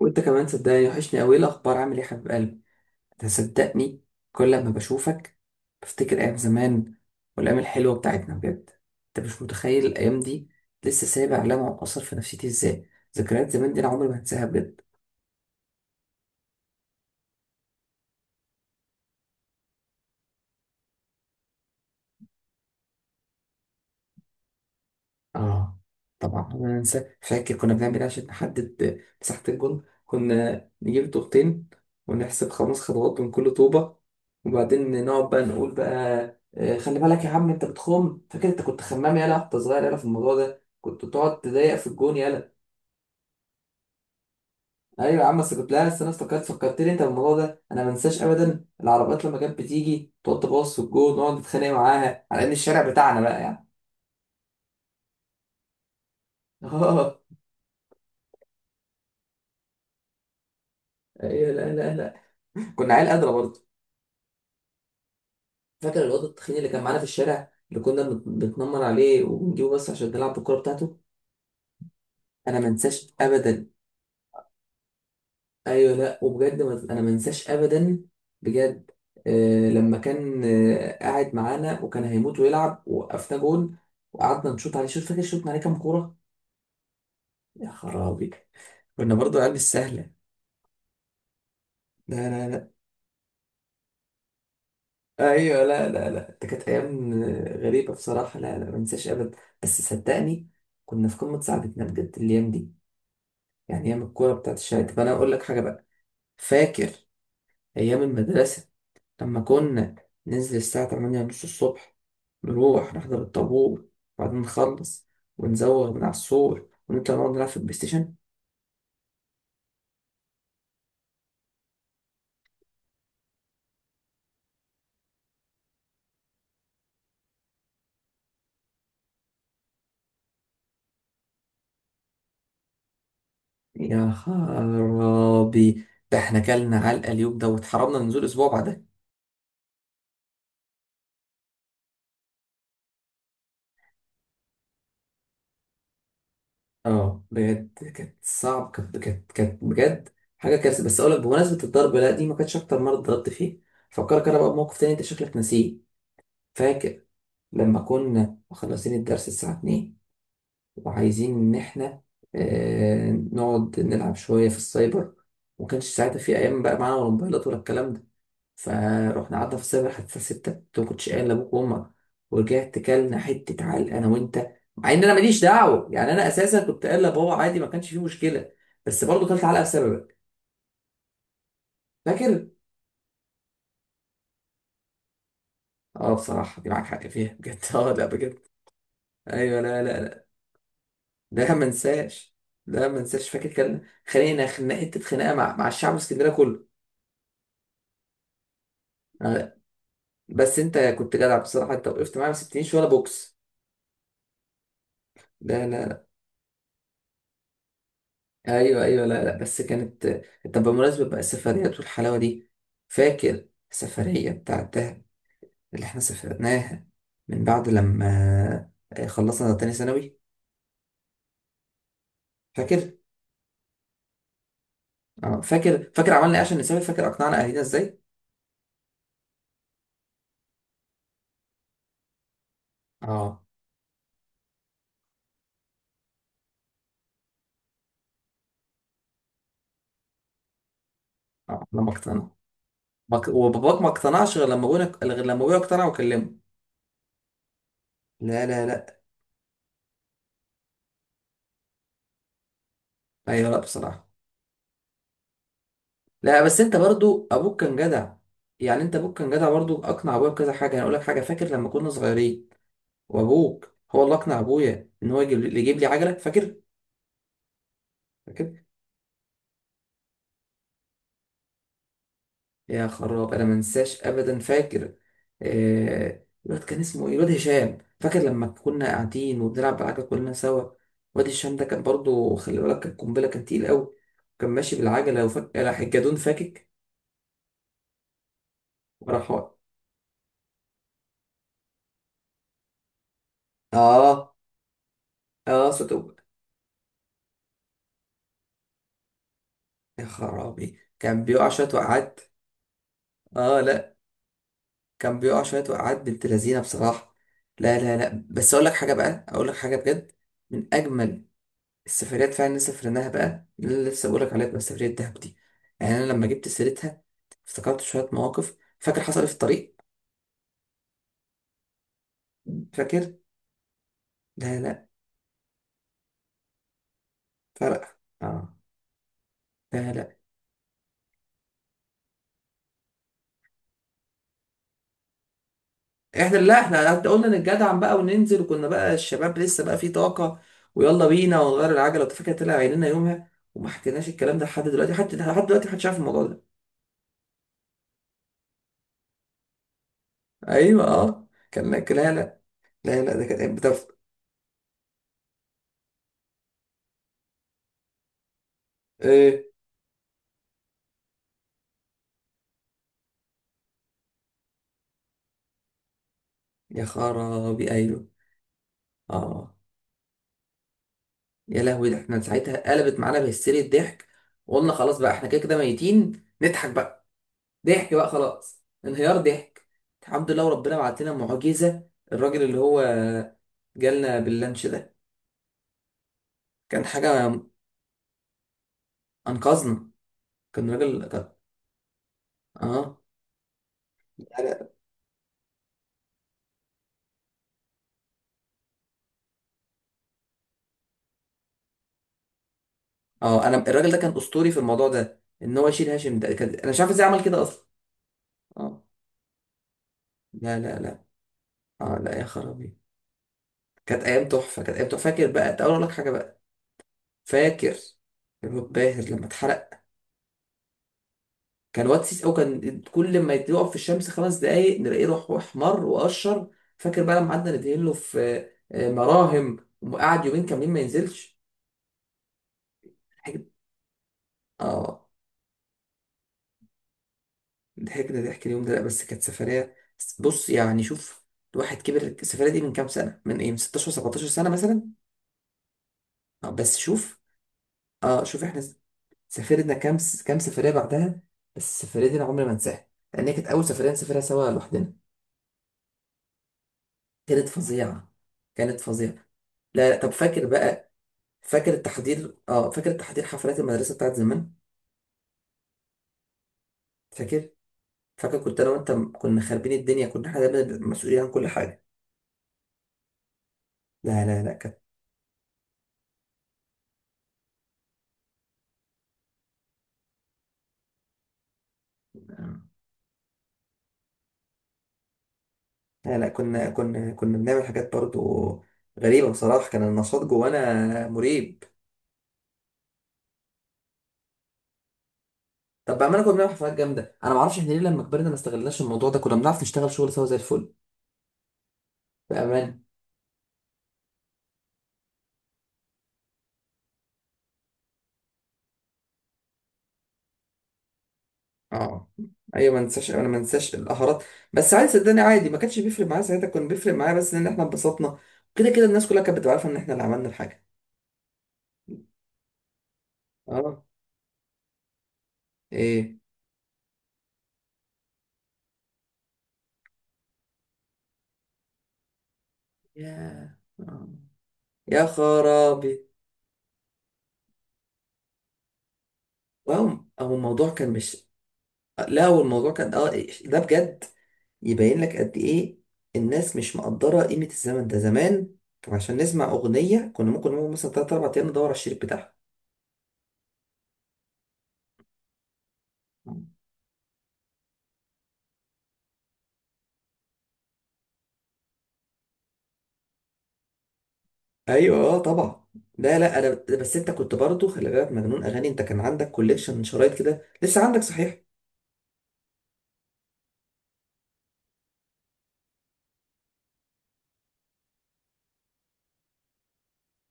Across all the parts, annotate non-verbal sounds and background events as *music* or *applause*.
وانت كمان صدقني، وحشني قوي. الاخبار؟ عامل ايه يا حبيب قلبي؟ انت صدقني، كل ما بشوفك بفتكر ايام زمان والايام الحلوه بتاعتنا بجد. انت مش متخيل الايام دي لسه سايبه علامه واثر في نفسيتي ازاي. ذكريات زمان دي انا عمري ما هنساها بجد. اه طبعا، انا انسى؟ فاكر كنا بنعمل ايه عشان نحدد مساحة الجون. كنا نجيب طوبتين ونحسب 5 خطوات من كل طوبة، وبعدين نقعد بقى نقول بقى. خلي بالك يا عم، انت بتخم. فاكر انت كنت خمام يالا وانت صغير؟ يالا في الموضوع ده كنت تقعد تضايق في الجون يالا. ايوه يا عم، بس كنت، لا بس انا افتكرت، فكرتني انت بالموضوع ده. انا ما انساش ابدا العربيات لما كانت بتيجي تقعد تبص في الجون ونقعد نتخانق معاها على ان الشارع بتاعنا بقى، يعني. *laughs* اه، ايوه. لا لا لا، كنا عيال قادرة برضه. فاكر الواد التخين اللي كان معانا في الشارع، اللي كنا بنتنمر عليه وبنجيبه بس عشان نلعب بالكوره بتاعته. انا ما انساش ابدا. ايوه لا، وبجد انا ما انساش ابدا بجد. آه، لما كان قاعد معانا وكان هيموت ويلعب، وقفنا جون وقعدنا نشوط عليه. شوف فاكر شوطنا عليه كام كوره؟ يا خرابي، كنا برضو عيال مش سهله. لا لا لا. ايوه، لا لا لا، ده كانت ايام غريبه بصراحه. لا لا، ما انساش ابدا. بس صدقني، كنا في قمه سعادتنا بجد الايام دي. يعني ايام الكوره بتاعت الشارع. طب انا اقول لك حاجه بقى، فاكر ايام المدرسه لما كنا ننزل الساعه 8 ونص الصبح، نروح نحضر الطابور وبعدين نخلص ونزوغ من على السور ونطلع نقعد نلعب في البلاي ستيشن؟ يا خرابي، ده احنا كلنا علقه اليوم ده، واتحرمنا ننزل اسبوع بعدها. اه بجد، كانت صعب، كانت بجد حاجه كارثه. بس اقول لك، بمناسبه الضرب، لا دي ما كانتش اكتر مره اتضربت فيه. فكرك انا بقى بموقف تاني، انت شكلك ناسيه. فاكر لما كنا مخلصين الدرس الساعة 2 وعايزين إن إحنا نقعد نلعب شوية في السايبر، ومكانش ساعتها في أيام بقى معانا ولا موبايلات ولا الكلام ده. فروحنا قعدنا في السايبر حتى الساعة 6. أنت مكنتش قايل لأبوك وأمك، ورجعت كلنا حتة عال أنا وأنت. مع إن أنا ماليش دعوة، يعني أنا أساسا كنت قايل لبابا عادي، ما كانش فيه مشكلة. بس برضه كلت علقة بسببك فاكر؟ اه، بصراحة دي معاك حق فيها بجد. *laughs* اه لا بجد. ايوه، لا لا لا ما انساش. لا ما انساش، فاكر كان خلينا خناقه خناقه مع الشعب الاسكندريه كله. أنا- بس انت كنت جدع بصراحه، انت وقفت معايا ما سبتنيش ولا بوكس. لا لا لا. ايوه ايوه، لا لا بس كانت. طب بمناسبه بقى السفريات والحلاوه دي، فاكر السفريه بتاعت دهب اللي احنا سافرناها من بعد لما خلصنا تاني ثانوي؟ فاكر؟ اه فاكر، فاكر عملنا ايه عشان نسافر؟ فاكر اقنعنا اهلنا ازاي؟ اه اه، لما اقتنعوا وباباك ما اقتنعش غير لما ابويا اقتنع وكلمه. لا لا لا. ايوه، لا بصراحه، لا بس انت برضو ابوك كان جدع. يعني انت ابوك كان جدع برضو، اقنع ابويا بكذا حاجه. انا اقول لك حاجه، فاكر لما كنا صغيرين وابوك هو اللي اقنع ابويا ان هو يجيب لي عجله؟ فاكر؟ فاكر؟ يا خراب انا ما انساش ابدا فاكر. الواد كان اسمه ايه؟ الواد هشام. فاكر لما كنا قاعدين وبنلعب بالعجله كلنا سوا؟ الواد هشام ده كان برضو، خلي بالك، كان قنبله، كان تقيل قوي. كان ماشي بالعجله وفك راح الجدون فاكك، وراح اه اه صدق. يا خرابي كان بيقع شوية وقعات. اه لا، كان بيقع شوية وقعات بنت لذينة بصراحة. لا لا لا، بس اقول لك حاجة بقى، اقول لك حاجة بجد. من اجمل السفريات فعلا اللي سافرناها بقى، اللي أنا لسه بقول لك عليها بقى، سفرية دهب دي. يعني انا لما جبت سيرتها افتكرت شوية مواقف. فاكر حصل إيه في الطريق؟ فاكر؟ لا لا، فرق اه. لا لا احنا، لا احنا قلنا نتجدعن بقى وننزل، وكنا بقى الشباب لسه بقى في طاقة. ويلا بينا ونغير العجلة. انت فاكر طلع عينينا يومها، وما حكيناش الكلام ده لحد دلوقتي. حتى لحد دلوقتي محدش عارف الموضوع ده. ايوه اه كان لا. لا لا لا لا، ده كانت بتف. ايه؟ يا خرابي ايوه اه. يا لهوي، ده احنا ساعتها قلبت معانا بهستيريا ضحك، وقلنا خلاص بقى احنا كده كده ميتين نضحك بقى. ضحك بقى خلاص. انهيار ضحك. الحمد لله، وربنا بعت لنا معجزة، الراجل اللي هو جالنا باللانش ده، كان حاجة. أنقذنا. كان راجل، كان اه حاجة- اه انا، الراجل ده كان اسطوري في الموضوع ده، ان هو يشيل هاشم ده كان. انا مش عارف ازاي عمل كده اصلا. اه لا لا لا. اه لا، يا خرابي كانت ايام تحفة، كانت ايام تحفة. فاكر بقى، تعالى اقول لك حاجة بقى، فاكر الواد باهر لما اتحرق؟ كان واد سيس، او كان كل ما يقف في الشمس 5 دقايق نلاقيه روح احمر وقشر. فاكر بقى لما قعدنا ندهن له في مراهم، وقعد يومين كاملين ما ينزلش حاجة- اه ضحكنا ضحك اليوم ده. لا بس كانت سفرية. بص يعني شوف، الواحد كبر. السفرية دي من كام سنة، من ايه، من 16 17 سنة مثلا. بس شوف. اه شوف احنا سافرنا كام سفرية بعدها. بس السفرية دي انا عمري ما انساها، لان هي كانت اول سفرية نسافرها سوا لوحدنا. كانت فظيعة، كانت فظيعة. لا طب فاكر بقى، فاكر التحضير؟ اه فاكر التحضير، حفلات المدرسة بتاعت زمان. فاكر، فاكر كنت انا وانت كنا خاربين الدنيا؟ كنا احنا دايما مسؤولين عن كل حاجة. لا لا لا كانت. لا لا كنا بنعمل حاجات برضو غريبة بصراحة، كان النشاط جوانا مريب. طب بأمانة، كنا بنعمل حفلات جامدة. أنا معرفش إحنا ليه لما كبرنا ما استغلناش الموضوع ده، كنا بنعرف نشتغل شغل سوا زي الفل بأمانة. اه، ايوه ما انساش، انا ما انساش القهرات. بس عادي صدقني، عادي، ما كانش بيفرق معايا ساعتها، كان بيفرق معايا بس ان احنا اتبسطنا. كده كده الناس كلها كانت بتبقى عارفه ان احنا اللي عملنا الحاجه. أه، إيه، يا يا خرابي. واو. هو الموضوع كان مش. لا هو الموضوع كان أه إيه، ده بجد. يبين لك قد ايه الناس مش مقدره قيمه الزمن ده. زمان عشان نسمع اغنيه كنا ممكن نقعد مثلا 3 4 ايام ندور على الشريط بتاعها. ايوه اه طبعا، لا لا انا. بس انت كنت برضو، خلي بالك، مجنون اغاني، انت كان عندك كوليكشن شرايط كده، لسه عندك صحيح؟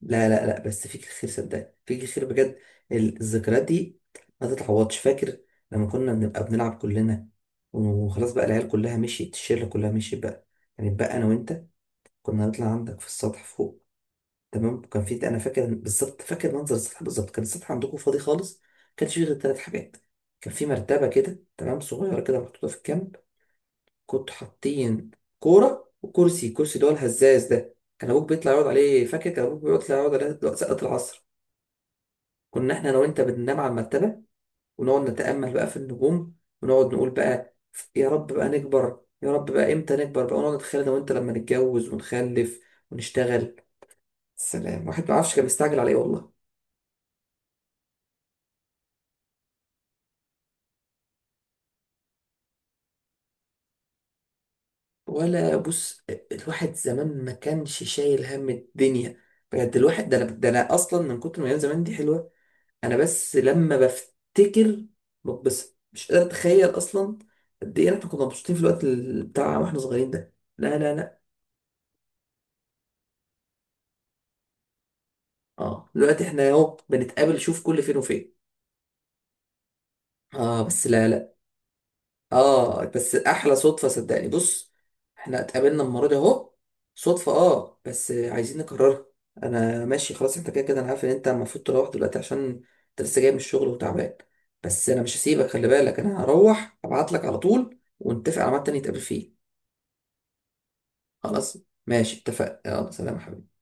لا لا لا، بس فيك الخير، صدقني فيك الخير بجد. الذكريات دي ما تتعوضش. فاكر لما كنا بنبقى بنلعب كلنا، وخلاص بقى العيال كلها مشيت، الشله كلها مشيت بقى، يعني بقى انا وانت كنا نطلع عندك في السطح فوق. تمام، وكان في، انا فاكر بالظبط، فاكر منظر السطح بالظبط، كان السطح عندكم فاضي خالص. كانش فيه غير 3 حاجات. كان في مرتبه كده تمام، صغيره كده محطوطه في الجنب. كنتوا حاطين كوره وكرسي، كرسي اللي هو الهزاز ده كان ابوك بيطلع يقعد عليه. فاكر كان ابوك بيطلع يقعد عليه وقت سقط العصر. كنا احنا انا وانت بننام على المرتبه ونقعد نتامل بقى في النجوم، ونقعد نقول بقى يا رب بقى نكبر، يا رب بقى امتى نكبر بقى. ونقعد نتخيل انا وانت لما نتجوز ونخلف ونشتغل. سلام، واحد ما عارفش كان مستعجل على ايه والله. ولا بص، الواحد زمان ما كانش شايل هم الدنيا بجد. الواحد ده انا اصلا، من كتر ما ايام زمان دي حلوه، انا بس لما بفتكر بتبسط. مش قادر اتخيل اصلا قد ايه احنا كنا مبسوطين في الوقت بتاع واحنا صغيرين ده. لا لا لا. اه، دلوقتي احنا اهو بنتقابل شوف كل فين وفين. اه بس لا لا، اه بس احلى صدفه صدقني. بص احنا اتقابلنا المره دي اهو صدفه، اه بس عايزين نكررها. انا ماشي خلاص، انت كده كده انا عارف ان انت المفروض تروح دلوقتي عشان انت لسه جاي من الشغل وتعبان. بس انا مش هسيبك، خلي بالك، انا هروح ابعت لك على طول ونتفق على ميعاد تاني نتقابل فيه. خلاص، ماشي اتفقنا، يلا سلام يا حبيبي.